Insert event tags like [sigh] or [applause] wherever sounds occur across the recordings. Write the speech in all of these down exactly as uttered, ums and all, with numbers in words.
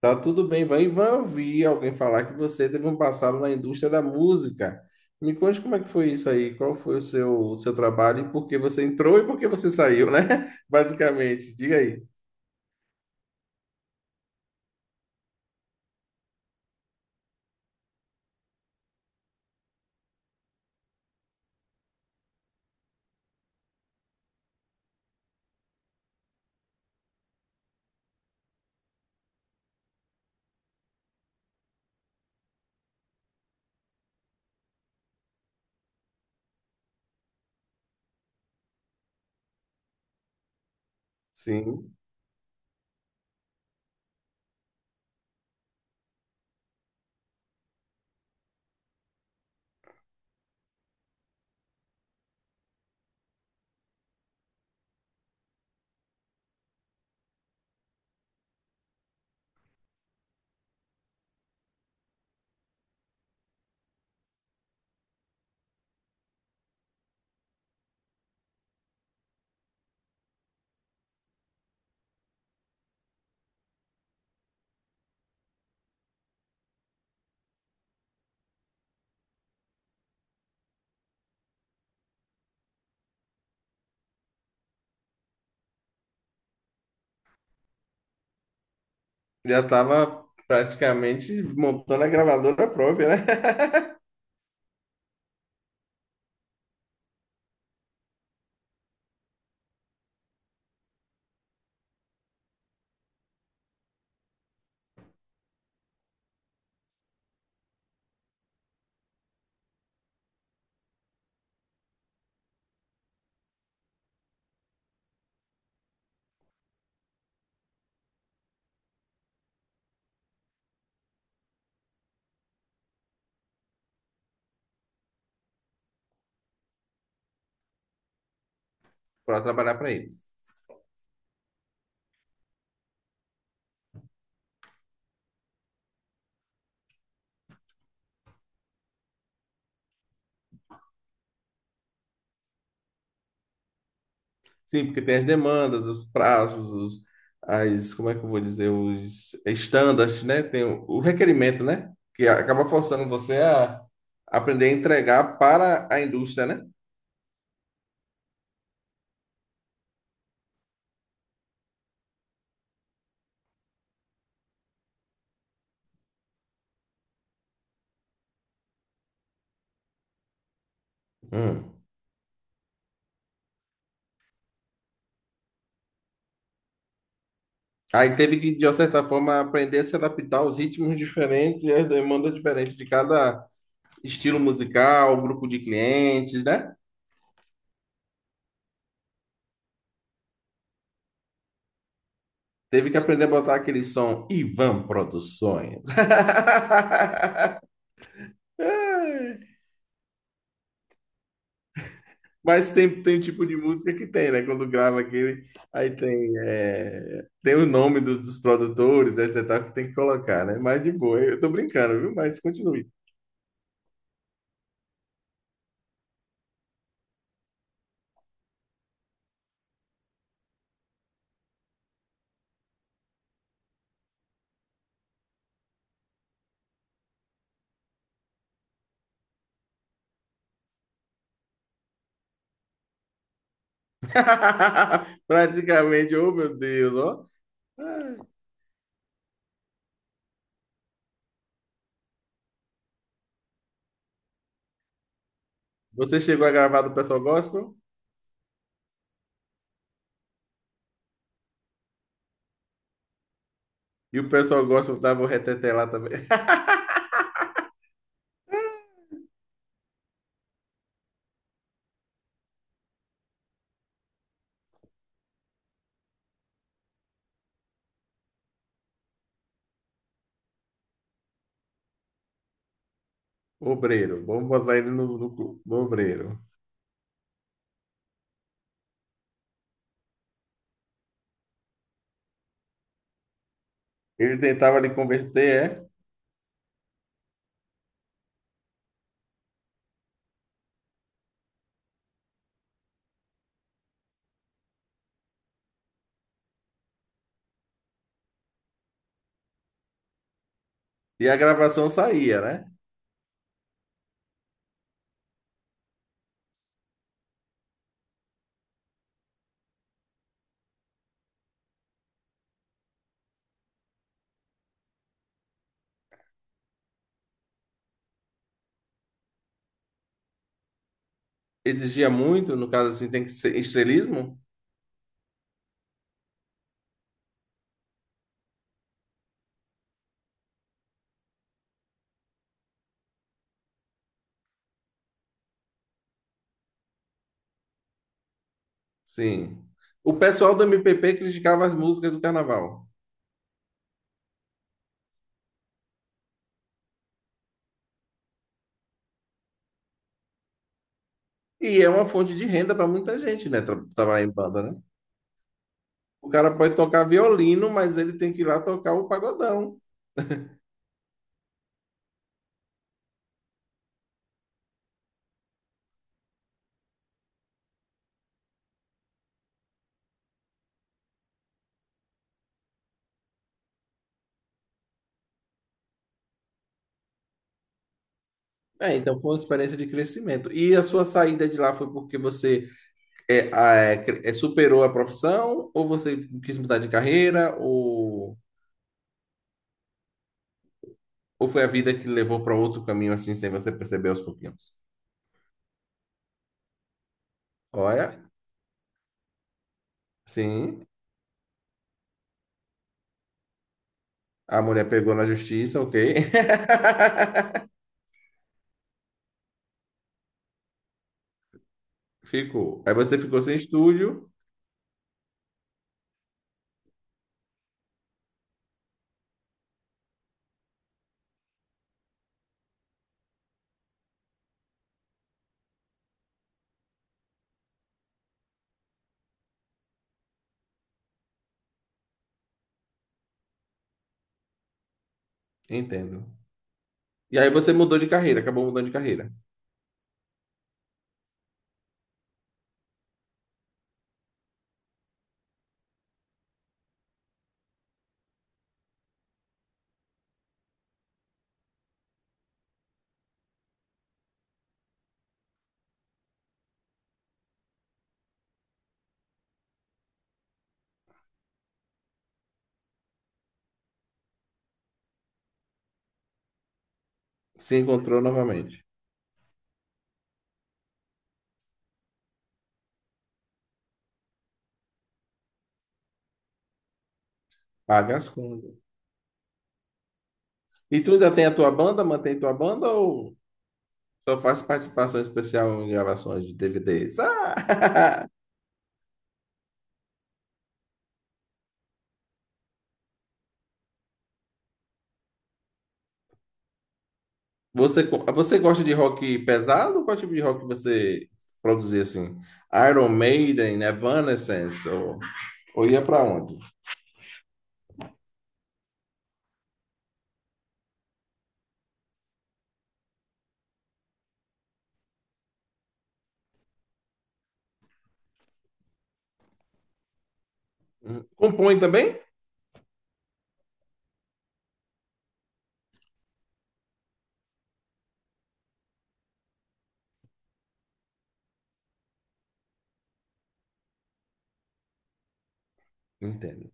Tá tudo bem, vai, vai ouvir alguém falar que você teve um passado na indústria da música. Me conte como é que foi isso aí, qual foi o seu, o seu trabalho e por que você entrou e por que você saiu, né? [laughs] Basicamente, diga aí. Sim, já estava praticamente montando a gravadora própria, né? [laughs] Para trabalhar para eles. Sim, porque tem as demandas, os prazos, os, as, como é que eu vou dizer, os standards, né? Tem o, o requerimento, né? Que acaba forçando você a aprender a entregar para a indústria, né? Hum. Aí teve que, de uma certa forma, aprender a se adaptar aos ritmos diferentes e às demandas diferentes de cada estilo musical, grupo de clientes, né? Teve que aprender a botar aquele som Ivan Produções. [laughs] Mas tem, tem um tipo de música que tem, né? Quando grava aquele, aí tem, é, tem o nome dos, dos produtores, etc, que tem que colocar, né? Mas de boa, eu tô brincando, viu? Mas continue. [laughs] Praticamente, oh meu Deus, ó. Ah, você chegou a gravar do Pessoal Gospel? E o Pessoal Gospel tava o reteté lá também. [laughs] Obreiro, vamos botar ele no, no, no obreiro. Ele tentava lhe converter, é? E a gravação saía, né? Exigia muito, no caso assim, tem que ser estrelismo? Sim. O pessoal do M P P criticava as músicas do carnaval. E é uma fonte de renda para muita gente, né? Tra- Trabalhar em banda, né? O cara pode tocar violino, mas ele tem que ir lá tocar o pagodão. É, então foi uma experiência de crescimento. E a sua saída de lá foi porque você é, a- é, cre- é, superou a profissão, ou você quis mudar de carreira, ou, ou foi a vida que levou para outro caminho assim, sem você perceber aos pouquinhos? Olha, sim, a mulher pegou na justiça, ok. [laughs] Ficou. Aí você ficou sem estúdio, entendo. E aí você mudou de carreira, acabou mudando de carreira. Se encontrou novamente. Paga as contas. E tu ainda tem a tua banda, mantém tua banda ou só faz participação especial em gravações de D V Ds? Ah! [laughs] Você, co- você gosta de rock pesado? Qual tipo de rock você produzia assim? Iron Maiden, Evanescence ou, ou ia pra onde? Hum, Compõe também? Entendo.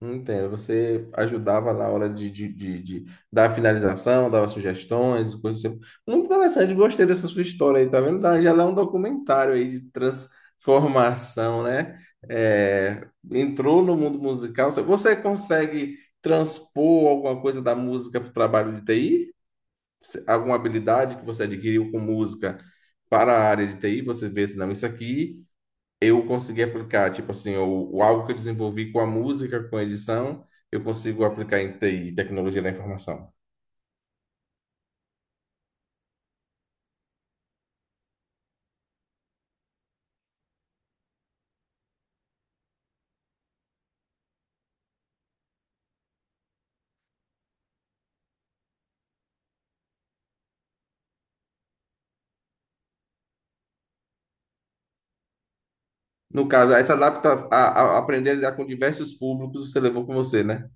Entendo. Você ajudava na hora de, de, de, de dar a finalização, dava sugestões, coisas do tipo. Muito interessante, gostei dessa sua história aí, tá vendo? Dá- Já dá um documentário aí de transformação, né? É, entrou no mundo musical. Você você consegue transpor alguma coisa da música para o trabalho de T I? Se- Alguma habilidade que você adquiriu com música para a área de T I? Você vê se não, isso aqui eu consegui aplicar, tipo assim, o, o algo que eu desenvolvi com a música, com a edição, eu consigo aplicar em T I, tecnologia da informação. No caso, essa adaptação, a, a aprender a lidar com diversos públicos, você levou com você, né?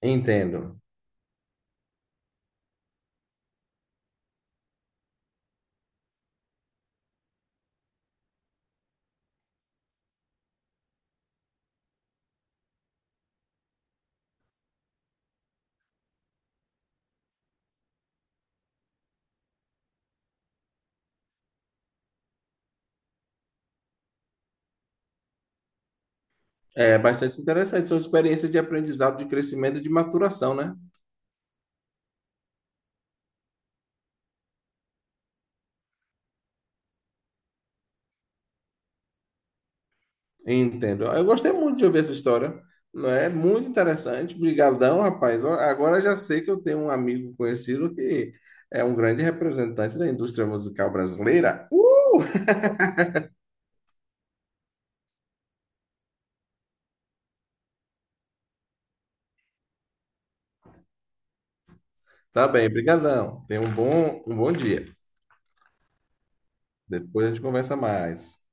Entendo. É bastante interessante, são experiências de aprendizado, de crescimento, e de maturação, né? Entendo. Eu gostei muito de ouvir essa história, não é? Muito interessante. Obrigadão, rapaz. Ó, agora já sei que eu tenho um amigo conhecido que é um grande representante da indústria musical brasileira. Uh! Tá bem, brigadão. Tenha um bom, um bom dia. Depois a gente conversa mais.